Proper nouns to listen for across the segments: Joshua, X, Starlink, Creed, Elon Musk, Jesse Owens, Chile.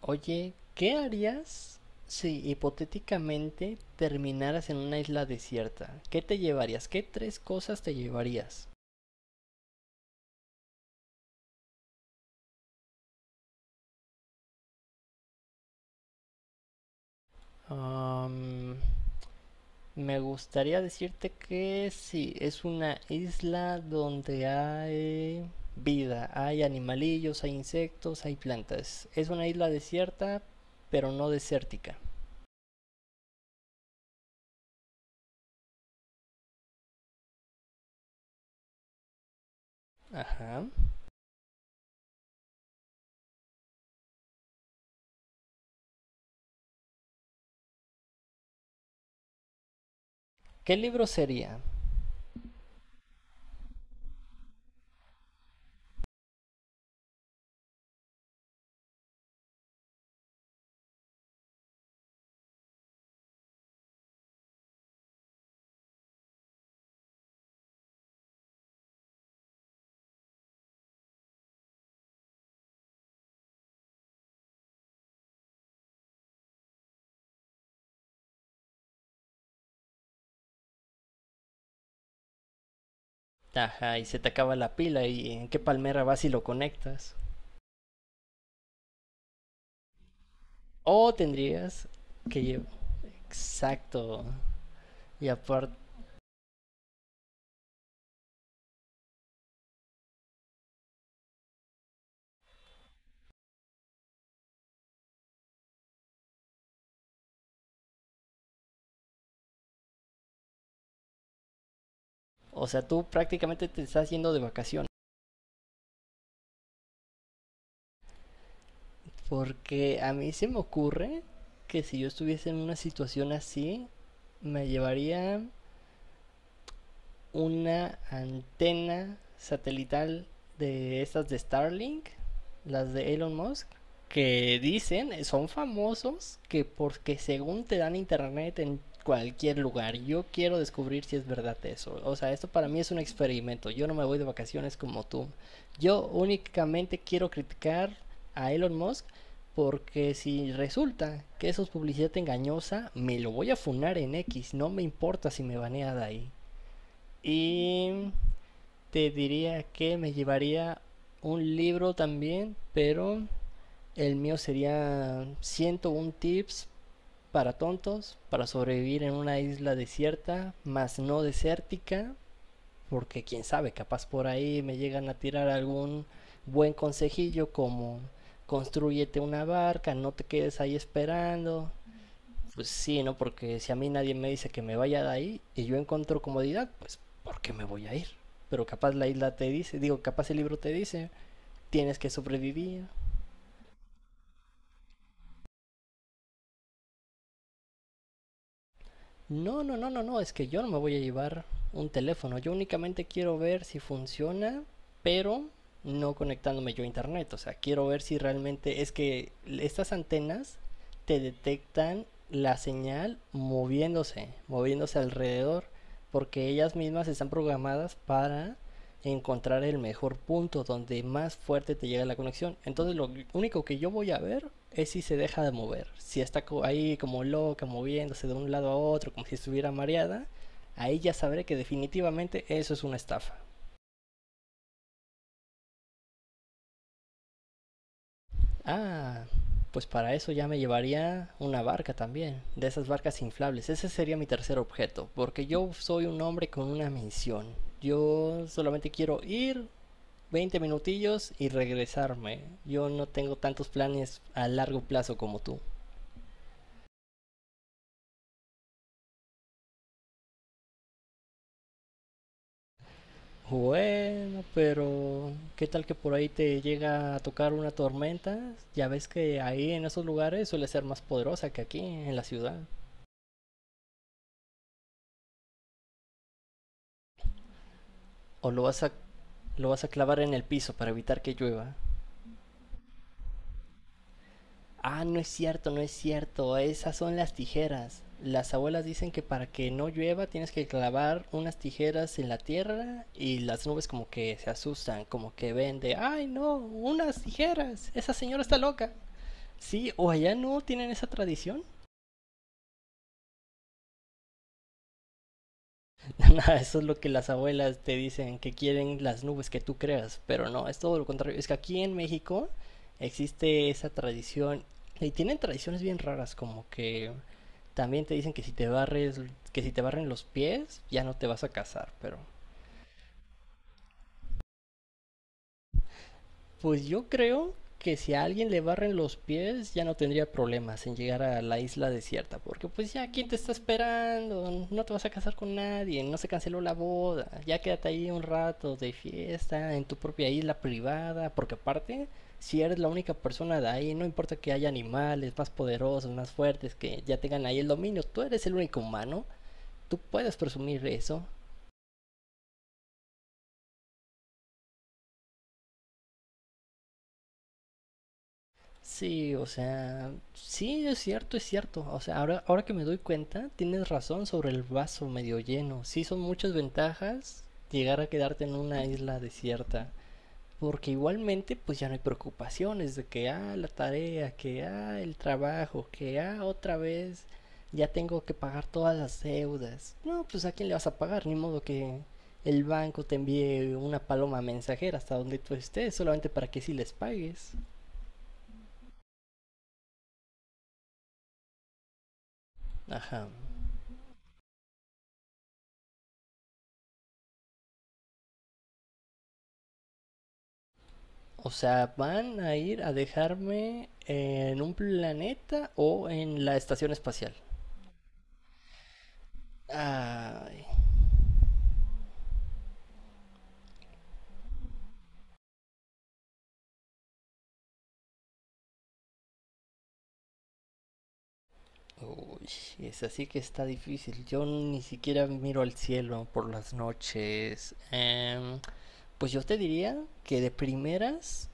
Oye, ¿qué harías si hipotéticamente terminaras en una isla desierta? ¿Qué te llevarías? ¿Qué tres cosas te llevarías? Am, Me gustaría decirte que sí, es una isla donde hay vida, hay animalillos, hay insectos, hay plantas. Es una isla desierta, pero no desértica. Ajá. ¿Qué libro sería? Ajá, y se te acaba la pila y en qué palmera vas y lo conectas. O tendrías que llevar. Exacto. Y aparte, o sea, tú prácticamente te estás yendo de vacaciones. Porque a mí se me ocurre que si yo estuviese en una situación así, me llevaría una antena satelital de estas de Starlink, las de Elon Musk, que dicen, son famosos, que porque según te dan internet en cualquier lugar. Yo quiero descubrir si es verdad eso. O sea, esto para mí es un experimento. Yo no me voy de vacaciones como tú. Yo únicamente quiero criticar a Elon Musk porque si resulta que eso es publicidad engañosa, me lo voy a funar en X. No me importa si me banea de ahí. Y te diría que me llevaría un libro también, pero el mío sería 101 tips para tontos para sobrevivir en una isla desierta, más no desértica, porque quién sabe, capaz por ahí me llegan a tirar algún buen consejillo como constrúyete una barca, no te quedes ahí esperando, pues sí, ¿no? Porque si a mí nadie me dice que me vaya de ahí y yo encuentro comodidad, pues ¿por qué me voy a ir? Pero capaz la isla te dice, digo, capaz el libro te dice, tienes que sobrevivir. No, no, no, no, no, es que yo no me voy a llevar un teléfono, yo únicamente quiero ver si funciona, pero no conectándome yo a internet, o sea, quiero ver si realmente es que estas antenas te detectan la señal moviéndose, moviéndose alrededor, porque ellas mismas están programadas para encontrar el mejor punto donde más fuerte te llega la conexión. Entonces lo único que yo voy a ver es si se deja de mover. Si está ahí como loca, moviéndose de un lado a otro, como si estuviera mareada, ahí ya sabré que definitivamente eso es una estafa. Ah, pues para eso ya me llevaría una barca también, de esas barcas inflables. Ese sería mi tercer objeto, porque yo soy un hombre con una misión. Yo solamente quiero ir, 20 minutillos y regresarme. Yo no tengo tantos planes a largo plazo como tú. Bueno, pero ¿qué tal que por ahí te llega a tocar una tormenta? Ya ves que ahí en esos lugares suele ser más poderosa que aquí en la ciudad. O lo vas a Lo vas a clavar en el piso para evitar que llueva. Ah, no es cierto, no es cierto. Esas son las tijeras. Las abuelas dicen que para que no llueva tienes que clavar unas tijeras en la tierra y las nubes como que se asustan, como que ven de, ay no, unas tijeras, esa señora está loca. Sí, o allá no tienen esa tradición. Eso es lo que las abuelas te dicen, que quieren las nubes que tú creas, pero no, es todo lo contrario. Es que aquí en México existe esa tradición y tienen tradiciones bien raras, como que también te dicen que si te barres, que si te barren los pies, ya no te vas a casar, pero pues yo creo que si a alguien le barren los pies, ya no tendría problemas en llegar a la isla desierta, porque pues ya quién te está esperando, no te vas a casar con nadie, no se canceló la boda, ya quédate ahí un rato de fiesta en tu propia isla privada, porque aparte si eres la única persona de ahí, no importa que haya animales más poderosos, más fuertes, que ya tengan ahí el dominio, tú eres el único humano, tú puedes presumir eso. Sí, o sea, sí, es cierto, es cierto. O sea, ahora que me doy cuenta, tienes razón sobre el vaso medio lleno. Sí, son muchas ventajas llegar a quedarte en una isla desierta. Porque igualmente, pues ya no hay preocupaciones de que, ah, la tarea, que, ah, el trabajo, que, ah, otra vez ya tengo que pagar todas las deudas. No, pues a quién le vas a pagar, ni modo que el banco te envíe una paloma mensajera hasta donde tú estés, solamente para que sí les pagues. Ajá. O sea, ¿van a ir a dejarme en un planeta o en la estación espacial? Ay, uy, es así que está difícil. Yo ni siquiera miro al cielo por las noches. Pues yo te diría que de primeras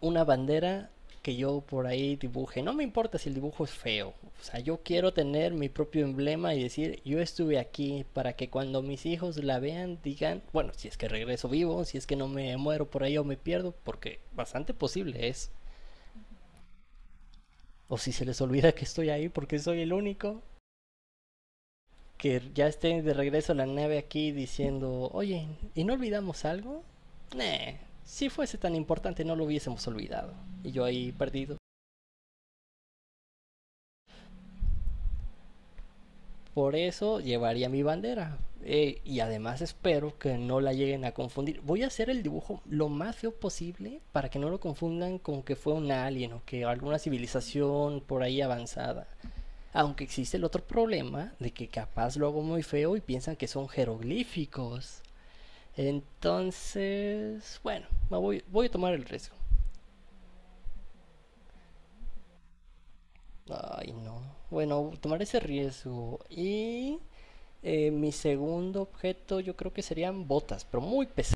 una bandera que yo por ahí dibuje. No me importa si el dibujo es feo. O sea, yo quiero tener mi propio emblema y decir, yo estuve aquí para que cuando mis hijos la vean digan, bueno, si es que regreso vivo, si es que no me muero por ahí o me pierdo, porque bastante posible es. O si se les olvida que estoy ahí porque soy el único que ya esté de regreso a la nave aquí diciendo, oye, ¿y no olvidamos algo? Nah, si fuese tan importante no lo hubiésemos olvidado. Y yo ahí perdido. Por eso llevaría mi bandera. Y además espero que no la lleguen a confundir. Voy a hacer el dibujo lo más feo posible para que no lo confundan con que fue un alien o que alguna civilización por ahí avanzada. Aunque existe el otro problema de que capaz lo hago muy feo y piensan que son jeroglíficos. Entonces, bueno, voy a tomar el riesgo. Ay, no. Bueno, tomar ese riesgo. Y mi segundo objeto yo creo que serían botas, pero muy pesadas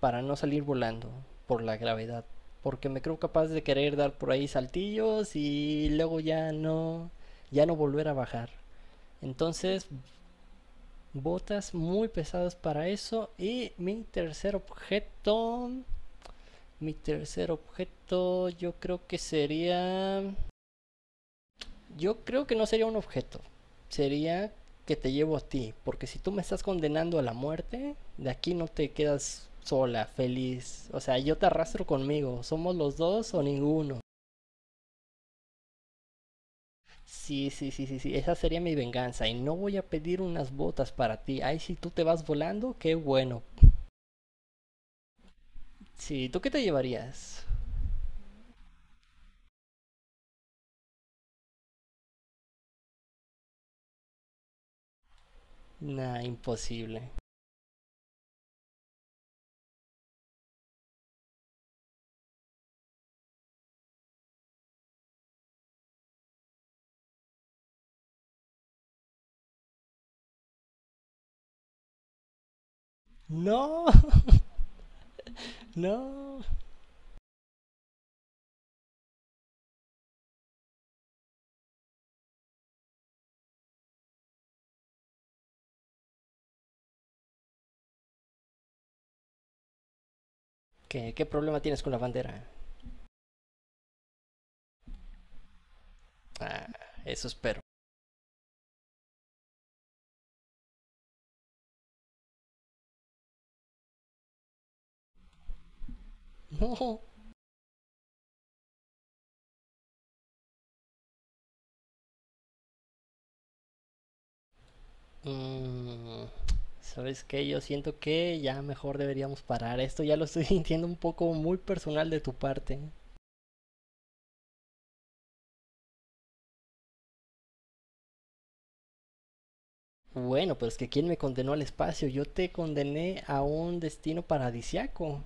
para no salir volando por la gravedad. Porque me creo capaz de querer dar por ahí saltillos y luego ya no, ya no volver a bajar. Entonces, botas muy pesadas para eso. Y mi tercer objeto yo creo que sería. Yo creo que no sería un objeto. Sería que te llevo a ti. Porque si tú me estás condenando a la muerte, de aquí no te quedas sola, feliz. O sea, yo te arrastro conmigo. Somos los dos o ninguno. Sí, sí, sí, sí, sí. Esa sería mi venganza. Y no voy a pedir unas botas para ti. Ay, si tú te vas volando, qué bueno. Sí, ¿tú qué te llevarías? Nah, imposible. No, no. ¿Qué problema tienes con la bandera? Ah, eso espero. No. Mm, ¿sabes qué? Yo siento que ya mejor deberíamos parar. Esto ya lo estoy sintiendo un poco muy personal de tu parte. Bueno, pero es que ¿quién me condenó al espacio? Yo te condené a un destino paradisiaco.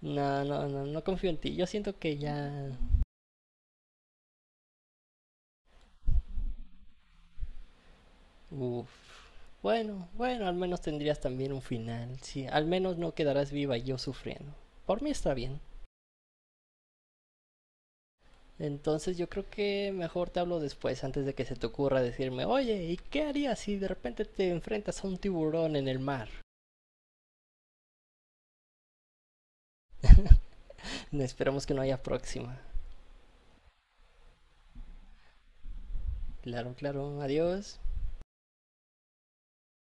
No, no, no, no confío en ti. Yo siento que ya... Uf. Bueno, bueno, al menos tendrías también un final. Sí, al menos no quedarás viva y yo sufriendo. Por mí está bien. Entonces yo creo que mejor te hablo después, antes de que se te ocurra decirme, oye, ¿y qué harías si de repente te enfrentas a un tiburón en el mar? Esperamos que no haya próxima. Claro, claro, adiós.